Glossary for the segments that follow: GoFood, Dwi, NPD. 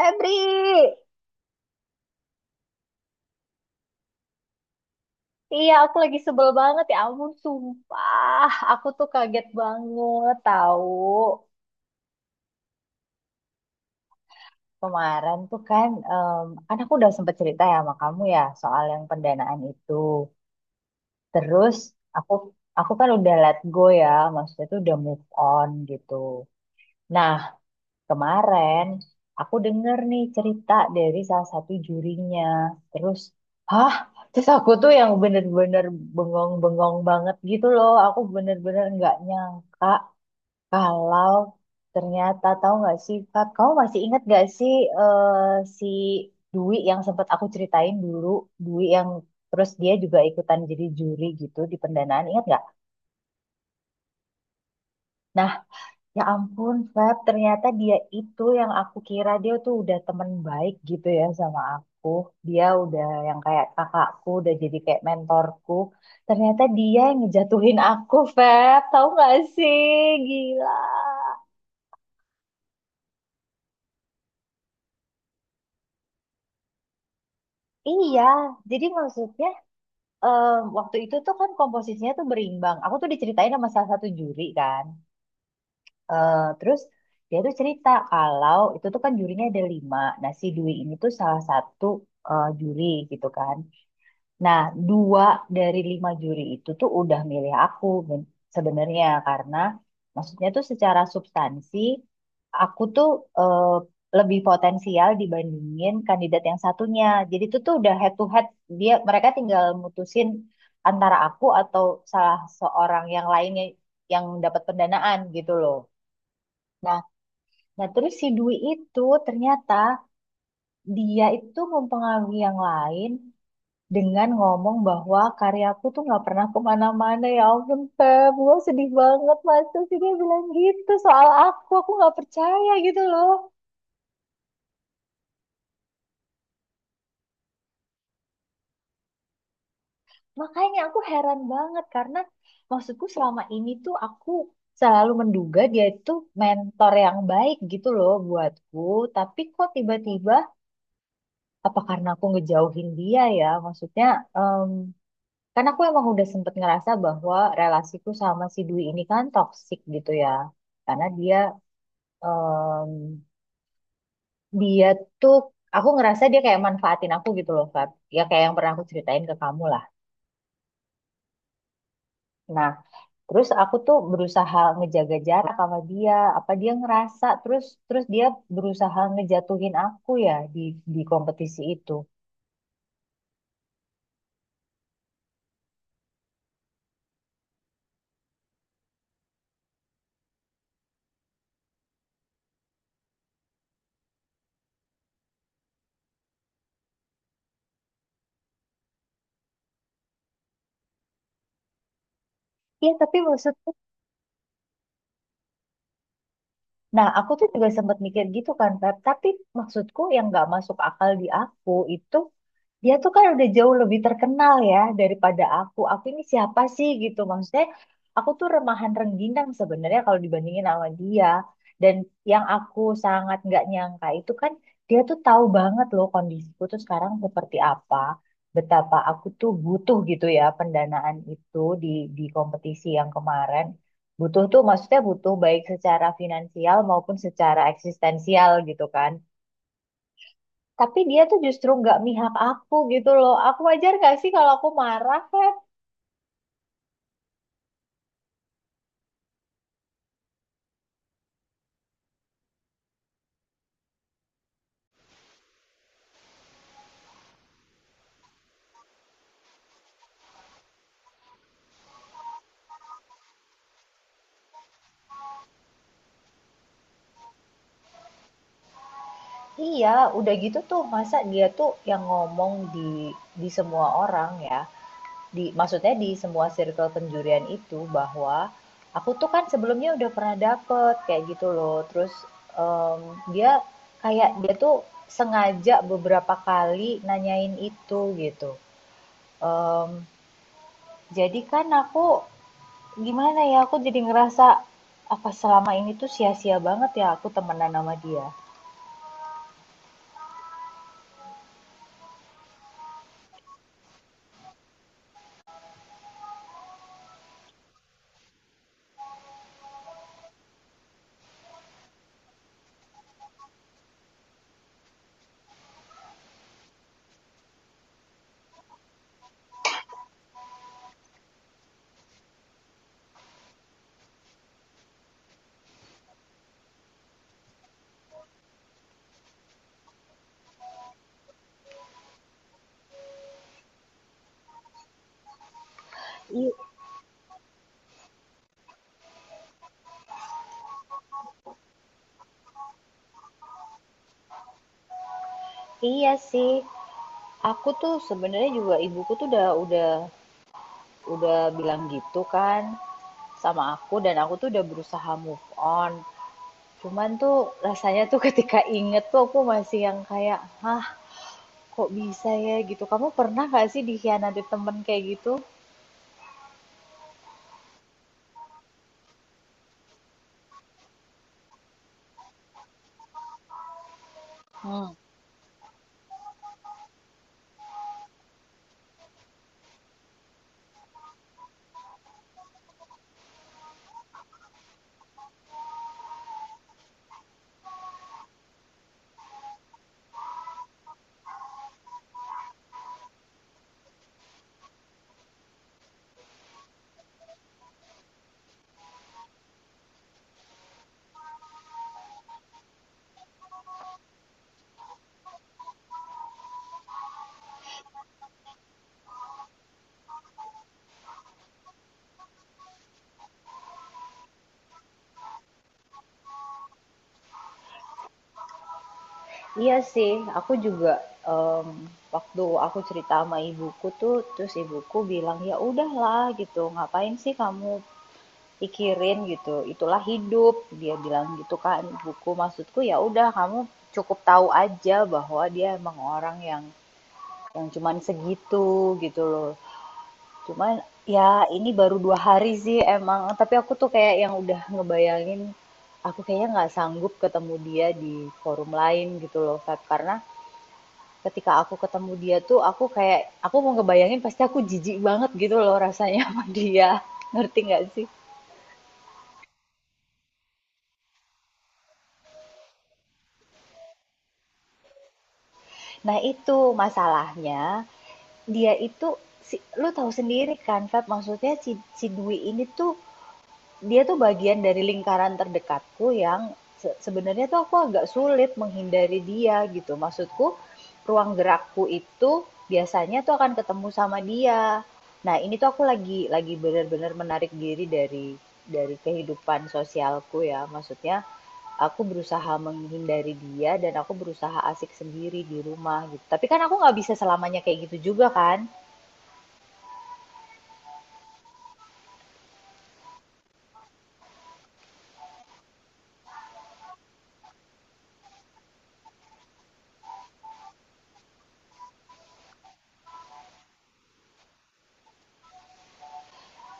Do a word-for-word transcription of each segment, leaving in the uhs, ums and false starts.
Febri, iya, aku lagi sebel banget, ya ampun, sumpah. Aku tuh kaget banget, tahu, kemarin tuh kan em, kan aku udah sempet cerita ya sama kamu ya soal yang pendanaan itu. Terus aku aku kan udah let go ya, maksudnya tuh udah move on gitu. Nah, kemarin aku denger nih cerita dari salah satu jurinya. Terus, hah? Terus aku tuh yang bener-bener bengong-bengong banget gitu loh. Aku bener-bener nggak nyangka kalau ternyata, tahu nggak sih, Kak, kamu masih ingat nggak sih eh, si Dwi yang sempat aku ceritain dulu, Dwi yang terus dia juga ikutan jadi juri gitu di pendanaan, ingat nggak? Nah, ya ampun, Feb, ternyata dia itu yang aku kira dia tuh udah temen baik gitu ya sama aku. Dia udah yang kayak kakakku, udah jadi kayak mentorku. Ternyata dia yang ngejatuhin aku, Feb. Tahu gak sih? Gila. Iya, jadi maksudnya em, waktu itu tuh kan komposisinya tuh berimbang. Aku tuh diceritain sama salah satu juri kan. Eh, terus dia tuh cerita kalau itu tuh kan jurinya ada lima. Nah si Dwi ini tuh salah satu eh, juri gitu kan. Nah, dua dari lima juri itu tuh udah milih aku, ben- sebenarnya karena maksudnya tuh secara substansi aku tuh eh, lebih potensial dibandingin kandidat yang satunya. Jadi itu tuh udah head to head, dia mereka tinggal mutusin antara aku atau salah seorang yang lainnya yang dapat pendanaan gitu loh. Nah, nah terus si Dwi itu ternyata dia itu mempengaruhi yang lain dengan ngomong bahwa karyaku tuh nggak pernah kemana-mana. Ya ampun, Feb, gue sedih banget. Masa sih dia bilang gitu soal aku? Aku nggak percaya gitu loh. Makanya aku heran banget, karena maksudku selama ini tuh aku selalu menduga dia itu mentor yang baik gitu loh buatku. Tapi kok tiba-tiba, apa karena aku ngejauhin dia ya? Maksudnya, em, karena aku emang udah sempet ngerasa bahwa relasiku sama si Dwi ini kan toksik gitu ya, karena dia. Em, dia tuh Aku ngerasa dia kayak manfaatin aku gitu loh, Fat, ya kayak yang pernah aku ceritain ke kamu lah. Nah, terus aku tuh berusaha ngejaga jarak sama dia. Apa dia ngerasa, terus terus dia berusaha ngejatuhin aku ya di di kompetisi itu. Iya tapi maksudku, nah aku tuh juga sempat mikir gitu kan, Fat, tapi maksudku yang nggak masuk akal di aku itu, dia tuh kan udah jauh lebih terkenal ya daripada aku. Aku ini siapa sih gitu? Maksudnya aku tuh remahan rengginang sebenarnya kalau dibandingin sama dia. Dan yang aku sangat nggak nyangka itu kan, dia tuh tahu banget loh kondisiku tuh sekarang seperti apa. Betapa aku tuh butuh gitu ya pendanaan itu di di kompetisi yang kemarin. Butuh tuh maksudnya butuh baik secara finansial maupun secara eksistensial gitu kan. Tapi dia tuh justru nggak mihak aku gitu loh. Aku wajar gak sih kalau aku marah, Feb? Iya, udah gitu tuh. Masa dia tuh yang ngomong di di semua orang ya. Di, maksudnya di semua circle penjurian itu bahwa aku tuh kan sebelumnya udah pernah dapet kayak gitu loh. Terus em, dia kayak dia tuh sengaja beberapa kali nanyain itu gitu. Em, jadi kan aku gimana ya, aku jadi ngerasa, apa selama ini tuh sia-sia banget ya aku temenan sama dia. I- iya sih, aku tuh sebenarnya juga ibuku tuh udah udah udah bilang gitu kan sama aku dan aku tuh udah berusaha move on. Cuman tuh rasanya tuh ketika inget tuh aku masih yang kayak, hah, kok bisa ya gitu. Kamu pernah gak sih dikhianati temen kayak gitu? Hmm. Iya sih, aku juga, mmm, waktu aku cerita sama ibuku tuh, terus ibuku bilang, "Ya udahlah," gitu, "ngapain sih kamu pikirin," gitu, "itulah hidup," dia bilang gitu kan ibuku. Maksudku ya udah, kamu cukup tahu aja bahwa dia emang orang yang yang cuman segitu, gitu loh. Cuman ya ini baru dua hari sih emang, tapi aku tuh kayak yang udah ngebayangin, aku kayaknya nggak sanggup ketemu dia di forum lain gitu loh, Kak, karena ketika aku ketemu dia tuh aku kayak, aku mau ngebayangin pasti aku jijik banget gitu loh rasanya sama dia. Ngerti nggak sih? Nah itu masalahnya, dia itu, si, lu tahu sendiri kan Feb, maksudnya si, si Dwi ini tuh dia tuh bagian dari lingkaran terdekatku yang se sebenarnya tuh aku agak sulit menghindari dia gitu. Maksudku, ruang gerakku itu biasanya tuh akan ketemu sama dia. Nah, ini tuh aku lagi lagi benar-benar menarik diri dari dari kehidupan sosialku ya. Maksudnya, aku berusaha menghindari dia dan aku berusaha asik sendiri di rumah gitu. Tapi kan aku nggak bisa selamanya kayak gitu juga kan.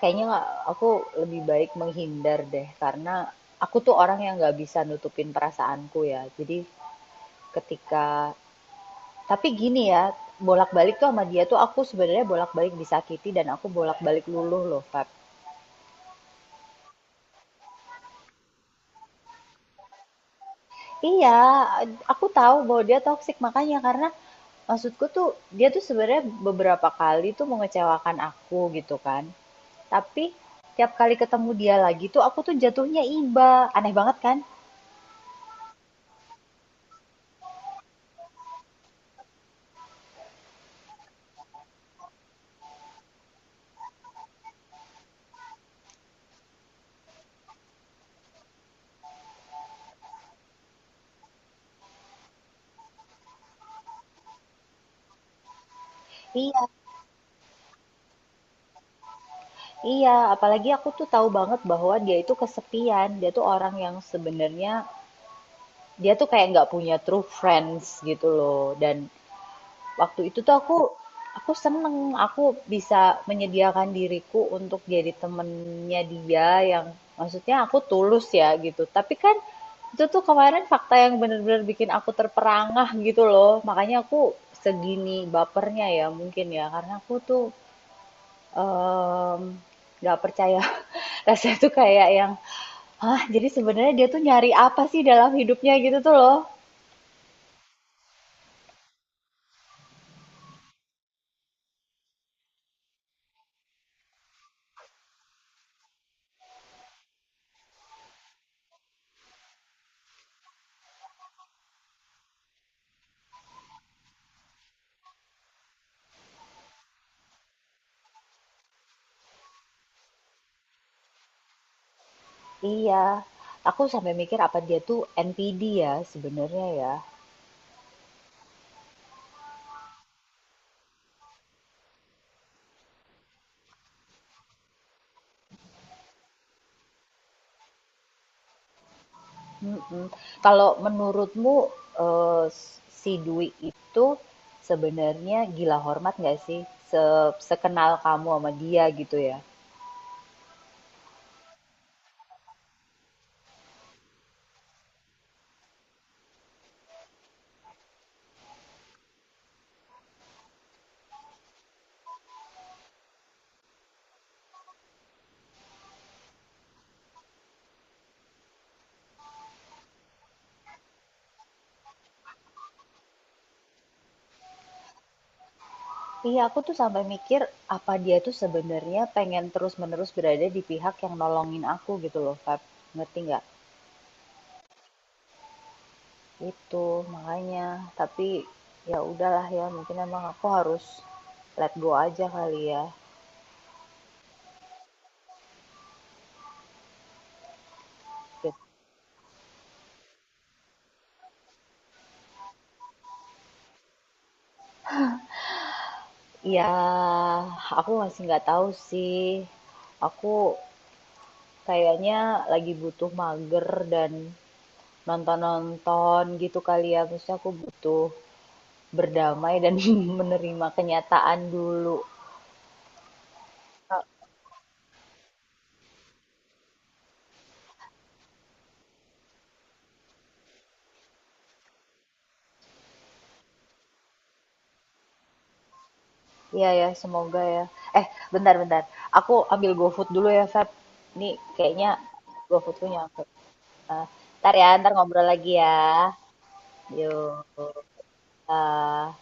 Kayaknya nggak, aku lebih baik menghindar deh, karena aku tuh orang yang nggak bisa nutupin perasaanku ya. Jadi ketika, tapi gini ya, bolak-balik tuh sama dia tuh aku sebenarnya bolak-balik disakiti dan aku bolak-balik luluh loh, Feb. Iya, aku tahu bahwa dia toksik, makanya karena maksudku tuh dia tuh sebenarnya beberapa kali tuh mengecewakan aku gitu kan. Tapi tiap kali ketemu dia lagi tuh aku tuh jatuhnya iba. Aneh banget kan? Iya, iya, apalagi aku tuh tahu banget bahwa dia itu kesepian. Dia tuh orang yang sebenarnya dia tuh kayak nggak punya true friends gitu loh. Dan waktu itu tuh aku aku seneng aku bisa menyediakan diriku untuk jadi temennya dia yang maksudnya aku tulus ya gitu. Tapi kan itu tuh kemarin fakta yang bener-bener bikin aku terperangah gitu loh. Makanya aku segini bapernya ya mungkin ya karena aku tuh em, nggak percaya. Rasanya tuh kayak yang, hah, jadi sebenarnya dia tuh nyari apa sih dalam hidupnya gitu tuh loh. Iya, aku sampai mikir apa dia tuh N P D ya sebenarnya ya. Mm-mm. Kalau menurutmu eh, si Dwi itu sebenarnya gila hormat nggak sih? Se- Sekenal kamu sama dia gitu ya. Iya, aku tuh sampai mikir apa dia tuh sebenarnya pengen terus-menerus berada di pihak yang nolongin aku gitu loh, Feb. Ngerti nggak? Itu, makanya. Tapi, ya udahlah ya, mungkin emang aku harus let go aja kali ya. Gitu. Ya, aku masih nggak tahu sih. Aku kayaknya lagi butuh mager dan nonton-nonton gitu kali ya. Maksudnya aku butuh berdamai dan menerima kenyataan dulu. Iya ya, semoga ya. Eh, Bentar-bentar. Aku ambil GoFood dulu ya, Feb. Nih, kayaknya GoFoodku nyampe. Uh, ntar ya ntar ngobrol lagi ya, yuk. Uh.